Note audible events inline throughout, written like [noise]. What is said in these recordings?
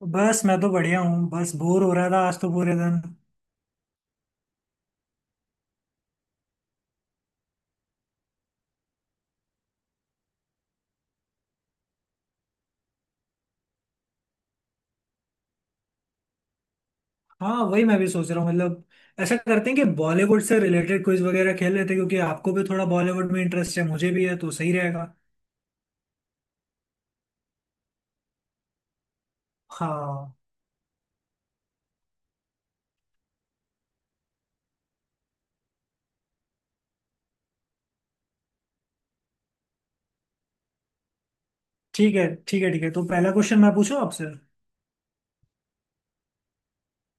तो बस मैं तो बढ़िया हूँ। बस बोर हो रहा था आज तो पूरे दिन। हाँ वही मैं भी सोच रहा हूँ। मतलब ऐसा करते हैं कि बॉलीवुड से रिलेटेड क्विज वगैरह खेल लेते हैं, क्योंकि आपको भी थोड़ा बॉलीवुड में इंटरेस्ट है, मुझे भी है तो सही रहेगा। हाँ, ठीक है ठीक है ठीक है, तो पहला क्वेश्चन मैं पूछूं आपसे।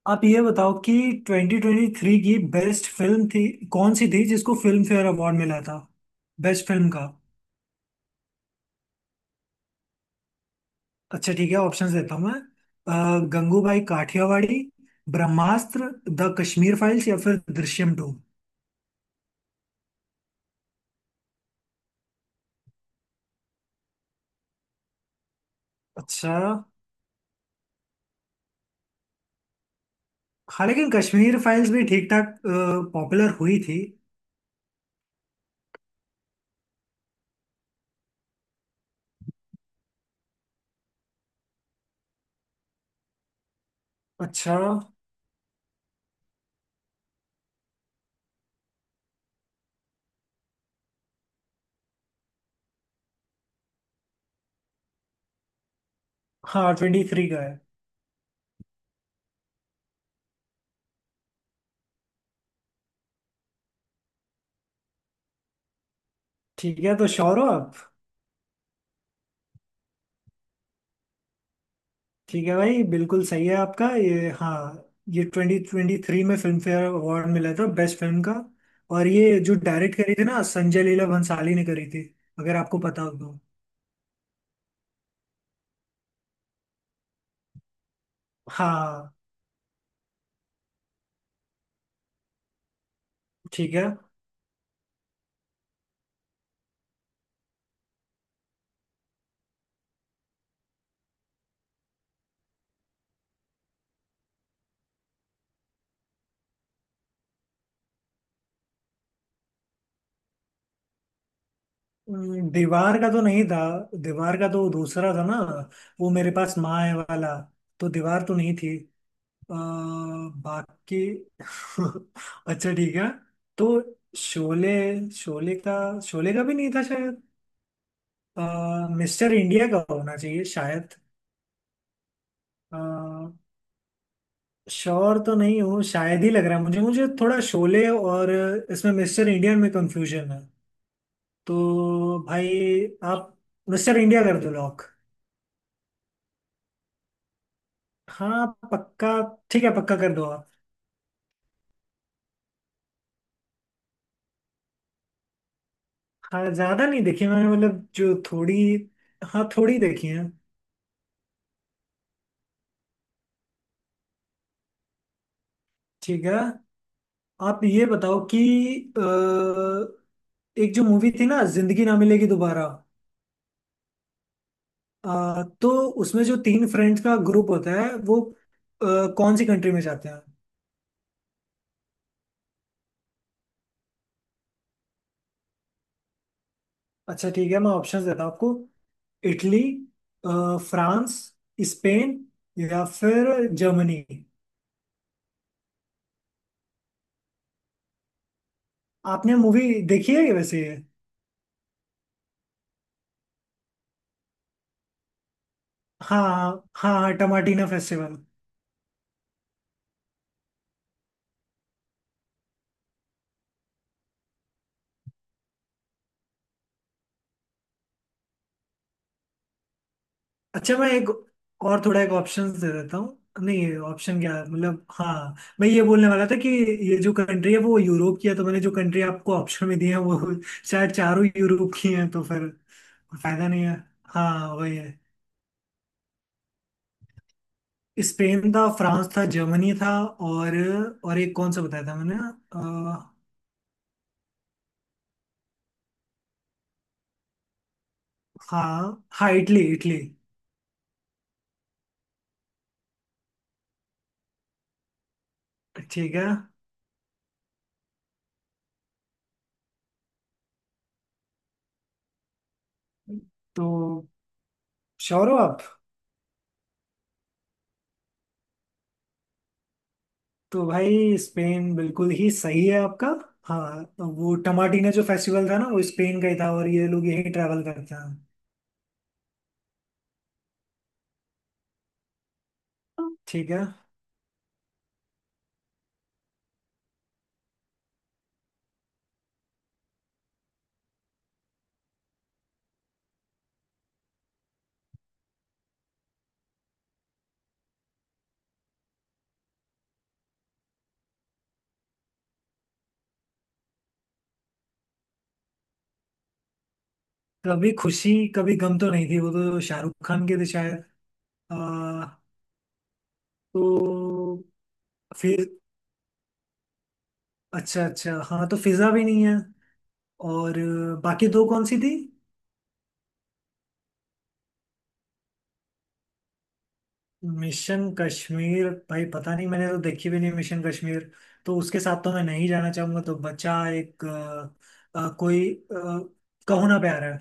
आप ये बताओ कि 2023 की बेस्ट फिल्म थी कौन सी थी, जिसको फिल्म फेयर अवार्ड मिला था बेस्ट फिल्म का? अच्छा ठीक है, ऑप्शंस देता हूँ मैं। गंगूबाई काठियावाड़ी, ब्रह्मास्त्र, द कश्मीर फाइल्स, या फिर दृश्यम टू। अच्छा। हाँ, लेकिन कश्मीर फाइल्स भी ठीक ठाक पॉपुलर हुई थी। अच्छा। हाँ, 23 का है। ठीक है, तो श्योर हो आप? ठीक है भाई, बिल्कुल सही है आपका ये। हाँ, ये 2023 में फिल्म फेयर अवार्ड मिला था बेस्ट फिल्म का। और ये जो डायरेक्ट करी थी ना, संजय लीला भंसाली ने करी थी, अगर आपको पता हो तो। हाँ, ठीक है। दीवार का तो नहीं था। दीवार का तो दूसरा था ना, वो मेरे पास माँ है वाला। तो दीवार तो नहीं थी। अ, बाकी [laughs] अच्छा ठीक है, तो शोले शोले का शोले का भी नहीं था शायद। मिस्टर इंडिया का होना चाहिए शायद। अ, श्योर तो नहीं हूँ, शायद ही लग रहा है मुझे। मुझे थोड़ा शोले और इसमें मिस्टर इंडियन में कंफ्यूजन है। तो भाई, आप मिस्टर इंडिया कर दो लॉक। हाँ पक्का। ठीक है, पक्का कर दो आप। हाँ, ज्यादा नहीं देखी मैंने, मतलब जो थोड़ी, हाँ थोड़ी देखी है। ठीक है। आप ये बताओ कि अ, एक जो मूवी थी ना, जिंदगी ना मिलेगी दोबारा, तो उसमें जो तीन फ्रेंड्स का ग्रुप होता है वो अ, कौन सी कंट्री में जाते हैं? अच्छा ठीक है, मैं ऑप्शंस देता हूँ आपको। इटली, फ्रांस, स्पेन, या फिर जर्मनी। आपने मूवी देखी है वैसे ये? हाँ हाँ हाँ, टमाटीना फेस्टिवल। अच्छा, मैं एक और थोड़ा एक ऑप्शंस दे देता हूँ, नहीं ऑप्शन क्या है मतलब हाँ। मैं ये बोलने वाला था कि ये जो कंट्री है वो यूरोप की है, तो मैंने जो कंट्री आपको ऑप्शन में दी है वो शायद चारों यूरोप की है, तो फिर फायदा नहीं है। हाँ वही है, स्पेन था, फ्रांस था, जर्मनी था, और और एक कौन सा बताया था मैंने, हाँ हाँ, इटली इटली। ठीक है, तो श्योर हो आप? तो भाई स्पेन बिल्कुल ही सही है आपका। हाँ, तो वो टमाटीना जो फेस्टिवल था ना, वो स्पेन का ही था, और ये लोग यही ट्रैवल करते हैं। ठीक है। कभी खुशी कभी गम तो नहीं थी, वो तो शाहरुख खान के थे शायद। आ, तो फिर अच्छा अच्छा, हाँ तो फिजा भी नहीं है। और बाकी दो कौन सी थी? मिशन कश्मीर, भाई पता नहीं, मैंने तो देखी भी नहीं मिशन कश्मीर, तो उसके साथ तो मैं नहीं जाना चाहूंगा, तो बचा एक कोई आ, कहो ना प्यार है।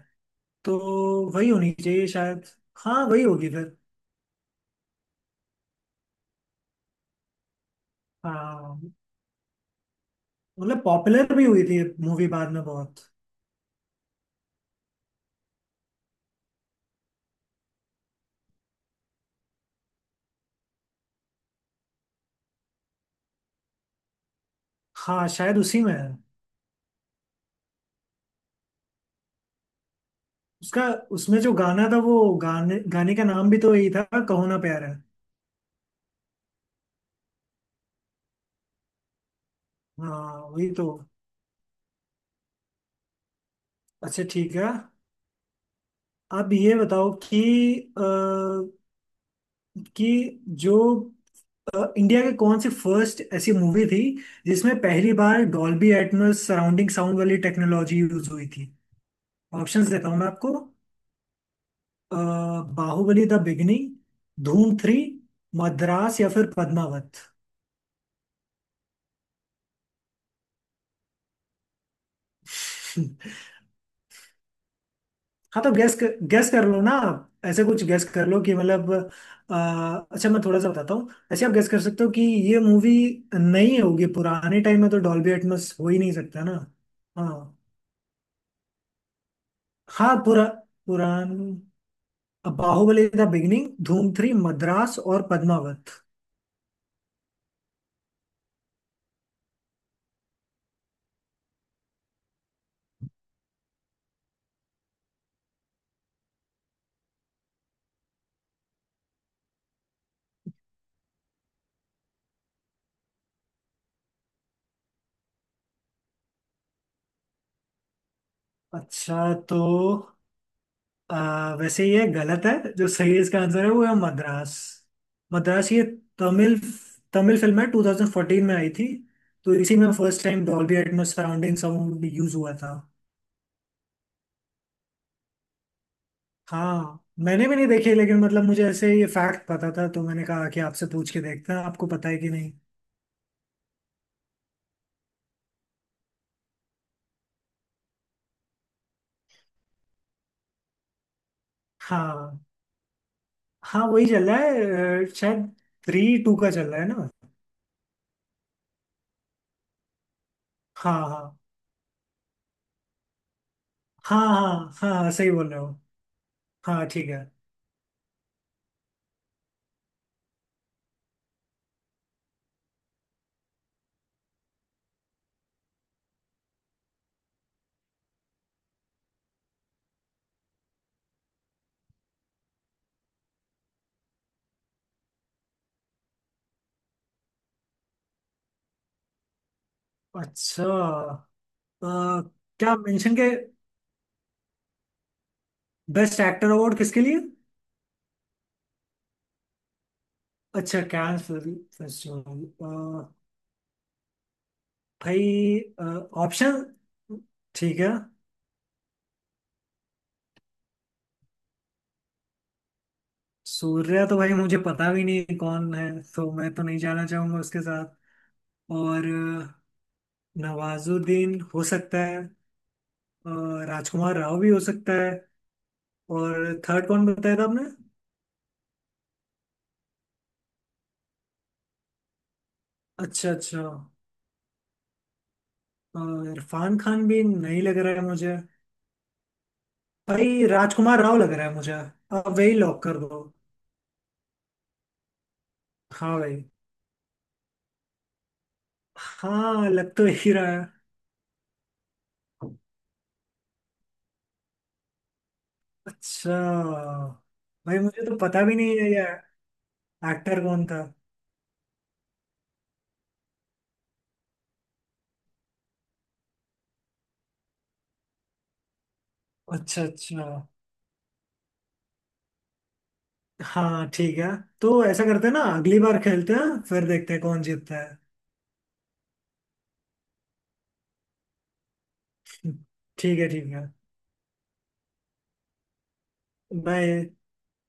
तो वही होनी चाहिए शायद। हाँ वही होगी फिर। हाँ, मतलब पॉपुलर भी हुई थी मूवी बाद में बहुत। हाँ, शायद उसी में है। उसका उसमें जो गाना था, वो गाने गाने का नाम भी तो यही था, कहो ना प्यार है। हाँ वही तो। अच्छा ठीक है, आप ये बताओ कि जो इंडिया के कौन सी फर्स्ट ऐसी मूवी थी जिसमें पहली बार डॉल्बी एटमॉस सराउंडिंग साउंड वाली टेक्नोलॉजी यूज हुई थी? ऑप्शंस देता हूँ मैं आपको। अ, बाहुबली द बिगिनिंग, धूम 3, मद्रास, या फिर पद्मावत। [laughs] हाँ, तो गैस कर लो ना आप, ऐसे कुछ गैस कर लो कि मतलब अच्छा मैं थोड़ा सा बताता हूँ, ऐसे आप गैस कर सकते हो कि ये मूवी नहीं होगी, पुराने टाइम में तो डॉल्बी एटमॉस हो ही नहीं सकता ना। हाँ हाँ, पुरा पुरान अब बाहुबली द बिगिनिंग, धूम 3, मद्रास और पद्मावत। अच्छा। तो वैसे ये गलत है, जो सही इसका आंसर है वो है मद्रास। मद्रास ये तमिल तमिल फिल्म है 2014 में आई थी, तो इसी में first time Dolby Atmos surrounding sound use हुआ था। हाँ मैंने भी नहीं देखी, लेकिन मतलब मुझे ऐसे ये फैक्ट पता था, तो मैंने कहा कि आपसे पूछ के देखते हैं आपको पता है कि नहीं। हाँ हाँ वही चल रहा है, शायद 3-2 का चल रहा है ना। हाँ हाँ हाँ हाँ हाँ हाँ, सही बोल रहे हो। हाँ ठीक है। अच्छा। अ, क्या मेंशन के बेस्ट एक्टर अवार्ड किसके लिए? अच्छा, कैन फेस्टिवल। भाई ऑप्शन, ठीक है। सूर्या तो भाई मुझे पता भी नहीं कौन है, तो मैं तो नहीं जाना चाहूंगा उसके साथ। और अ, नवाजुद्दीन हो सकता है, अ, राजकुमार राव भी हो सकता है। और थर्ड कौन बताया था आपने? अच्छा अच्छा। अ, इरफान खान भी नहीं लग रहा है मुझे। भाई राजकुमार राव लग रहा है मुझे, अब वही लॉक कर दो। हाँ भाई। हाँ, लग तो यही रहा है। अच्छा। भाई मुझे तो पता भी नहीं है ये एक्टर कौन था। अच्छा अच्छा। हाँ ठीक है, तो ऐसा करते हैं ना, अगली बार खेलते हैं फिर देखते हैं कौन जीतता है। ठीक है ठीक है, बाय।